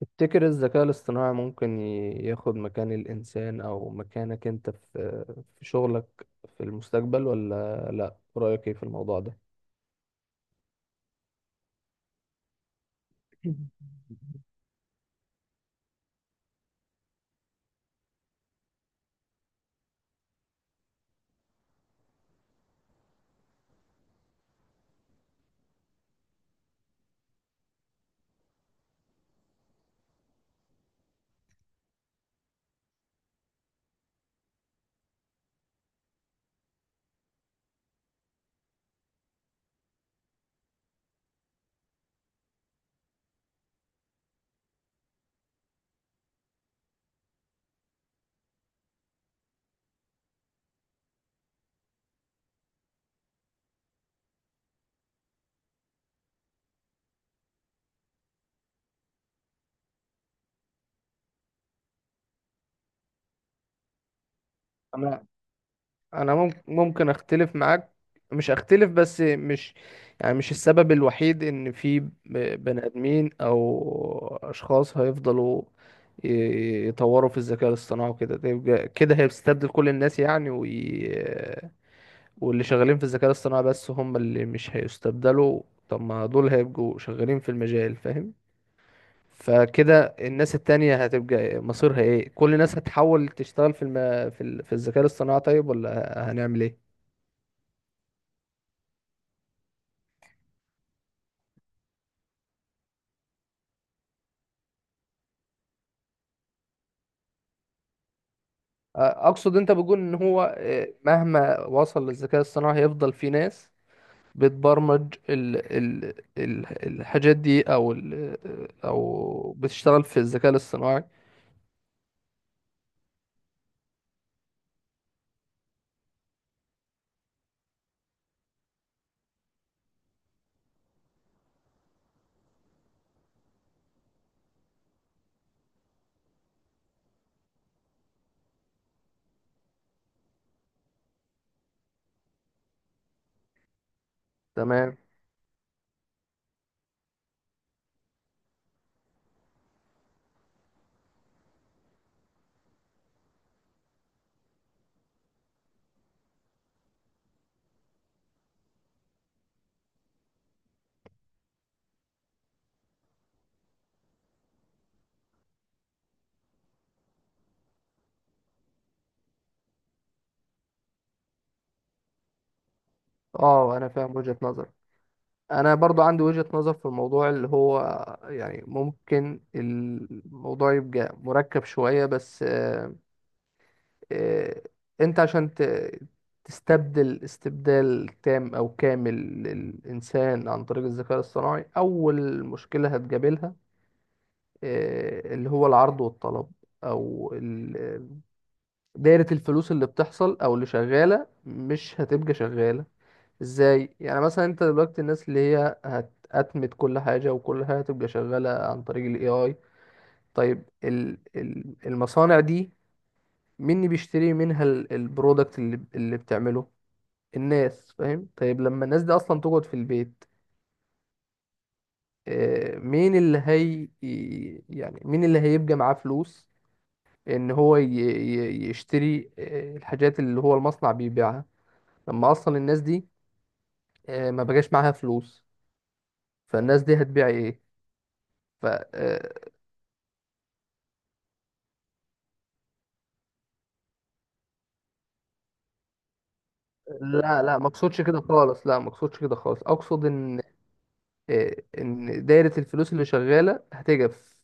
تفتكر الذكاء الاصطناعي ممكن ياخد مكان الإنسان أو مكانك أنت في شغلك في المستقبل ولا لأ؟ رأيك إيه في الموضوع ده؟ أنا أنا ممكن أختلف معاك. مش أختلف، بس مش يعني مش السبب الوحيد إن في بني آدمين أو أشخاص هيفضلوا يطوروا في الذكاء الاصطناعي وكده. ده كده هيستبدل كل الناس يعني؟ واللي شغالين في الذكاء الاصطناعي بس هم اللي مش هيستبدلوا. طب ما دول هيبقوا شغالين في المجال، فاهم؟ فكده الناس التانية هتبقى مصيرها ايه؟ كل الناس هتحاول تشتغل في في الذكاء الاصطناعي. طيب ولا هنعمل ايه؟ اقصد انت بتقول ان هو مهما وصل للذكاء الاصطناعي هيفضل في ناس بتبرمج الحاجات دي، او او بتشتغل في الذكاء الاصطناعي، تمام. اه، انا فاهم وجهة نظرك. انا برضو عندي وجهة نظر في الموضوع، اللي هو يعني ممكن الموضوع يبقى مركب شوية، بس آه، انت عشان تستبدل استبدال تام او كامل للانسان عن طريق الذكاء الصناعي، اول مشكلة هتقابلها اللي هو العرض والطلب، او دايرة الفلوس اللي بتحصل او اللي شغالة مش هتبقى شغالة. ازاي يعني؟ مثلا انت دلوقتي الناس اللي هي هتأتمت كل حاجة، وكل حاجة هتبقى شغالة عن طريق الاي اي. طيب ال المصانع دي، مين اللي بيشتري منها البرودكت اللي بتعمله؟ الناس، فاهم؟ طيب لما الناس دي اصلا تقعد في البيت، مين اللي هي، يعني مين اللي هيبقى معاه فلوس ان هو يشتري الحاجات اللي هو المصنع بيبيعها؟ لما اصلا الناس دي ما بقاش معاها فلوس، فالناس دي هتبيع ايه؟ ف آه، لا لا، ما اقصدش كده خالص، لا ما اقصدش كده خالص. اقصد ان ان دايره الفلوس اللي شغاله هتجف.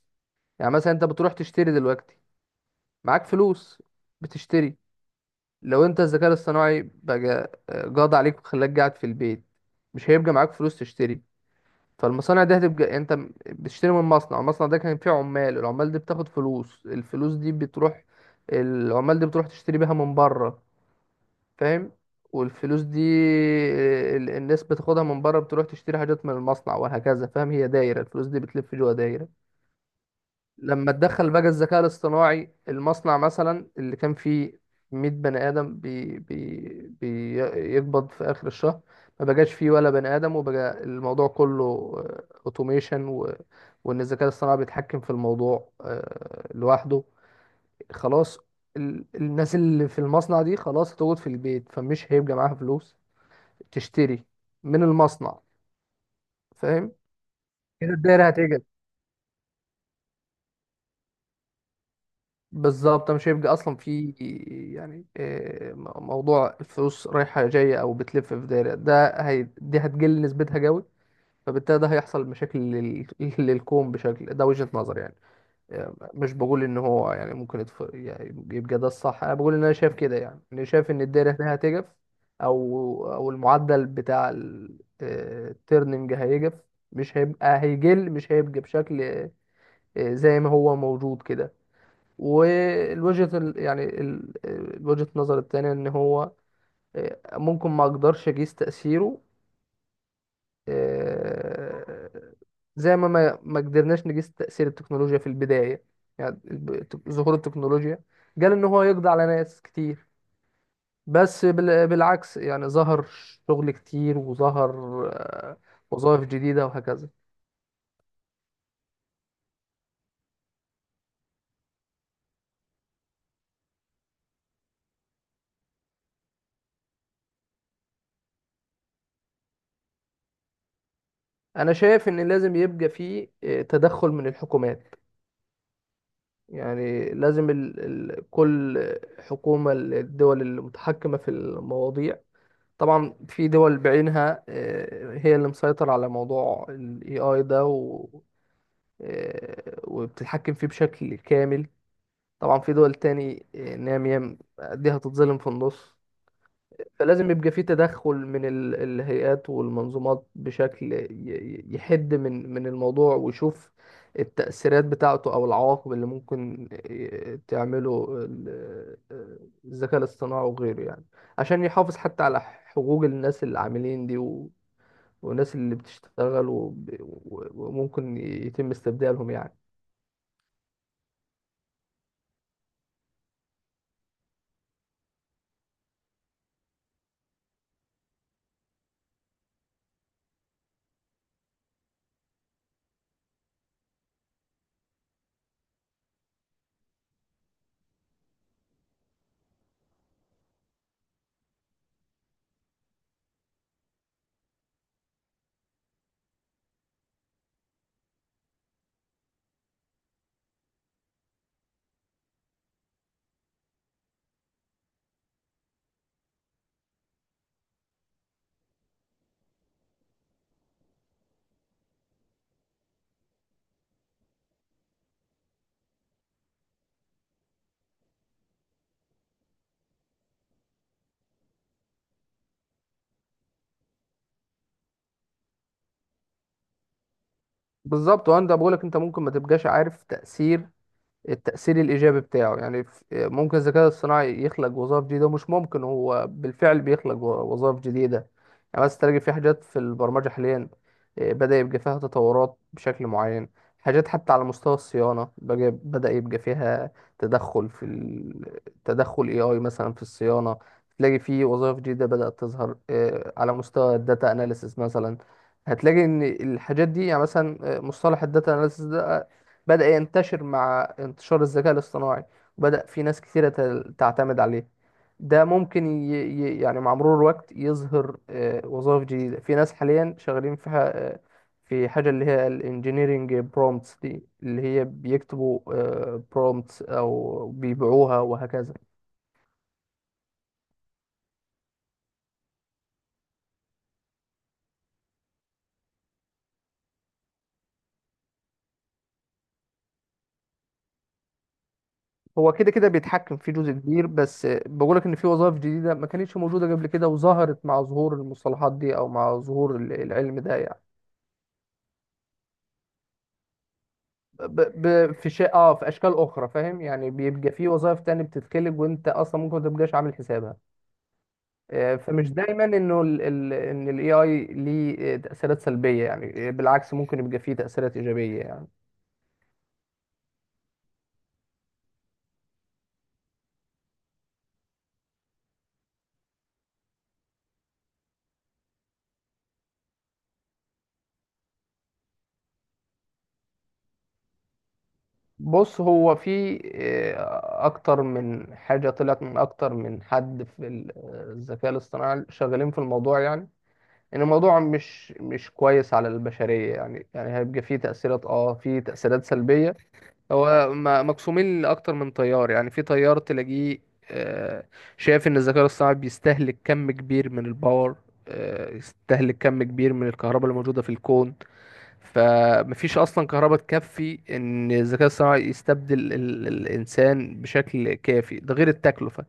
يعني مثلا انت بتروح تشتري دلوقتي، معاك فلوس، بتشتري. لو انت الذكاء الاصطناعي بقى قاضي عليك وخلاك قاعد في البيت، مش هيبقى معاك فلوس تشتري. فالمصانع دي هتبقى يعني انت بتشتري من مصنع، المصنع ده كان فيه عمال، العمال دي بتاخد فلوس، الفلوس دي بتروح، العمال دي بتروح تشتري بيها من بره، فاهم؟ والفلوس دي الناس بتاخدها من بره، بتروح تشتري حاجات من المصنع وهكذا، فاهم؟ هي دايرة الفلوس دي بتلف جوه دايرة. لما تدخل بقى الذكاء الاصطناعي المصنع مثلا اللي كان فيه 100 بني آدم بي بي بيقبض في آخر الشهر، ما بقاش فيه ولا بني آدم، وبقى الموضوع كله اوتوميشن، وإن الذكاء الاصطناعي بيتحكم في الموضوع لوحده. خلاص، الناس اللي في المصنع دي خلاص هتقعد في البيت، فمش هيبقى معاها فلوس تشتري من المصنع، فاهم؟ كده الدايرة بالظبط، مش هيبقى اصلا في يعني موضوع الفلوس رايحه جايه او بتلف في دايره، ده هي دي هتقل نسبتها جوي. فبالتالي ده هيحصل مشاكل للكون بشكل، ده وجهه نظر يعني. مش بقول ان هو يعني ممكن يعني يبقى ده الصح، انا بقول ان انا شايف كده يعني. انا شايف ان الدايره هنا هتجف، او المعدل بتاع التيرننج هيجف. مش هيبقى، هيقل، مش هيبقى بشكل زي ما هو موجود كده. والوجهة يعني وجهة النظر التانية ان هو ممكن ما اقدرش اقيس تأثيره، آه، زي ما قدرناش نقيس تأثير التكنولوجيا في البداية. يعني ظهور التكنولوجيا، قال ان هو يقضي على ناس كتير، بس بالعكس يعني ظهر شغل كتير، وظهر آه، وظائف جديدة وهكذا. انا شايف ان لازم يبقى فيه تدخل من الحكومات. يعني لازم كل حكومة، الدول المتحكمة في المواضيع. طبعا في دول بعينها هي اللي مسيطرة على موضوع ال AI ده، وبتتحكم فيه بشكل كامل. طبعا في دول تاني نامية دي هتتظلم في النص. فلازم يبقى في تدخل من الهيئات والمنظومات بشكل يحد من الموضوع، ويشوف التأثيرات بتاعته أو العواقب اللي ممكن تعمله الذكاء الاصطناعي وغيره يعني. عشان يحافظ حتى على حقوق الناس اللي عاملين دي، والناس اللي بتشتغل، وممكن يتم استبدالهم يعني. بالظبط، وانا بقولك انت ممكن ما تبقاش عارف تأثير، التأثير الإيجابي بتاعه يعني. ممكن الذكاء الصناعي يخلق وظائف جديدة، مش ممكن. هو بالفعل بيخلق وظائف جديدة يعني. بس تلاقي في حاجات في البرمجة حاليا بدأ يبقى فيها تطورات بشكل معين. حاجات حتى على مستوى الصيانة، بدأ يبقى فيها تدخل في تدخل AI مثلا في الصيانة. تلاقي في وظائف جديدة بدأت تظهر على مستوى الداتا أناليسيس مثلا. هتلاقي ان الحاجات دي يعني مثلا مصطلح الداتا اناليسيس ده بدأ ينتشر مع انتشار الذكاء الاصطناعي، وبدأ في ناس كثيرة تعتمد عليه. ده ممكن يعني مع مرور الوقت يظهر وظائف جديدة. في ناس حاليا شغالين في ح... آه، في حاجة اللي هي الانجينيرينج برومتس دي، اللي هي بيكتبوا برومتس أو بيبيعوها وهكذا. هو كده كده بيتحكم في جزء كبير، بس بقولك إن في وظائف جديدة ما كانتش موجودة قبل كده، وظهرت مع ظهور المصطلحات دي أو مع ظهور العلم ده يعني. في شيء، اه، في اشكال اخرى، فاهم يعني؟ بيبقى في وظائف تانية بتتخلق، وانت اصلا ممكن ما تبقاش عامل حسابها. فمش دايما انه ان الاي اي ليه تاثيرات سلبيه يعني. بالعكس، ممكن يبقى فيه تاثيرات ايجابيه يعني. بص، هو في اكتر من حاجه طلعت من اكتر من حد في الذكاء الاصطناعي، شغالين في الموضوع يعني، ان الموضوع مش كويس على البشريه يعني. يعني هيبقى فيه تاثيرات، اه فيه تاثيرات سلبيه. هو مقسومين لأكتر من تيار يعني. في تيار تلاقيه آه، شايف إن الذكاء الصناعي بيستهلك كم كبير من الباور، يستهلك كم كبير من الكهرباء اللي موجودة في الكون. فمفيش أصلا كهرباء تكفي إن الذكاء الصناعي يستبدل الإنسان بشكل كافي، ده غير التكلفة.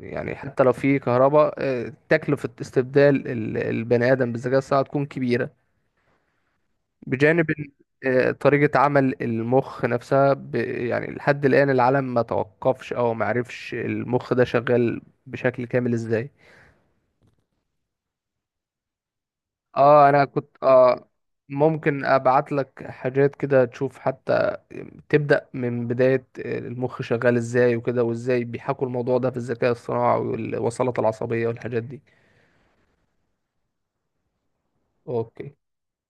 يعني حتى لو في كهرباء، تكلفة استبدال البني آدم بالذكاء الصناعي تكون كبيرة. بجانب إن، طريقة عمل المخ نفسها، يعني لحد الآن العالم ما توقفش أو ما عرفش المخ ده شغال بشكل كامل إزاي. اه، انا كنت، اه، ممكن ابعت لك حاجات كده تشوف، حتى تبدأ من بداية المخ شغال ازاي وكده، وازاي بيحكوا الموضوع ده في الذكاء الصناعي، والوصلات العصبية والحاجات دي. اوكي.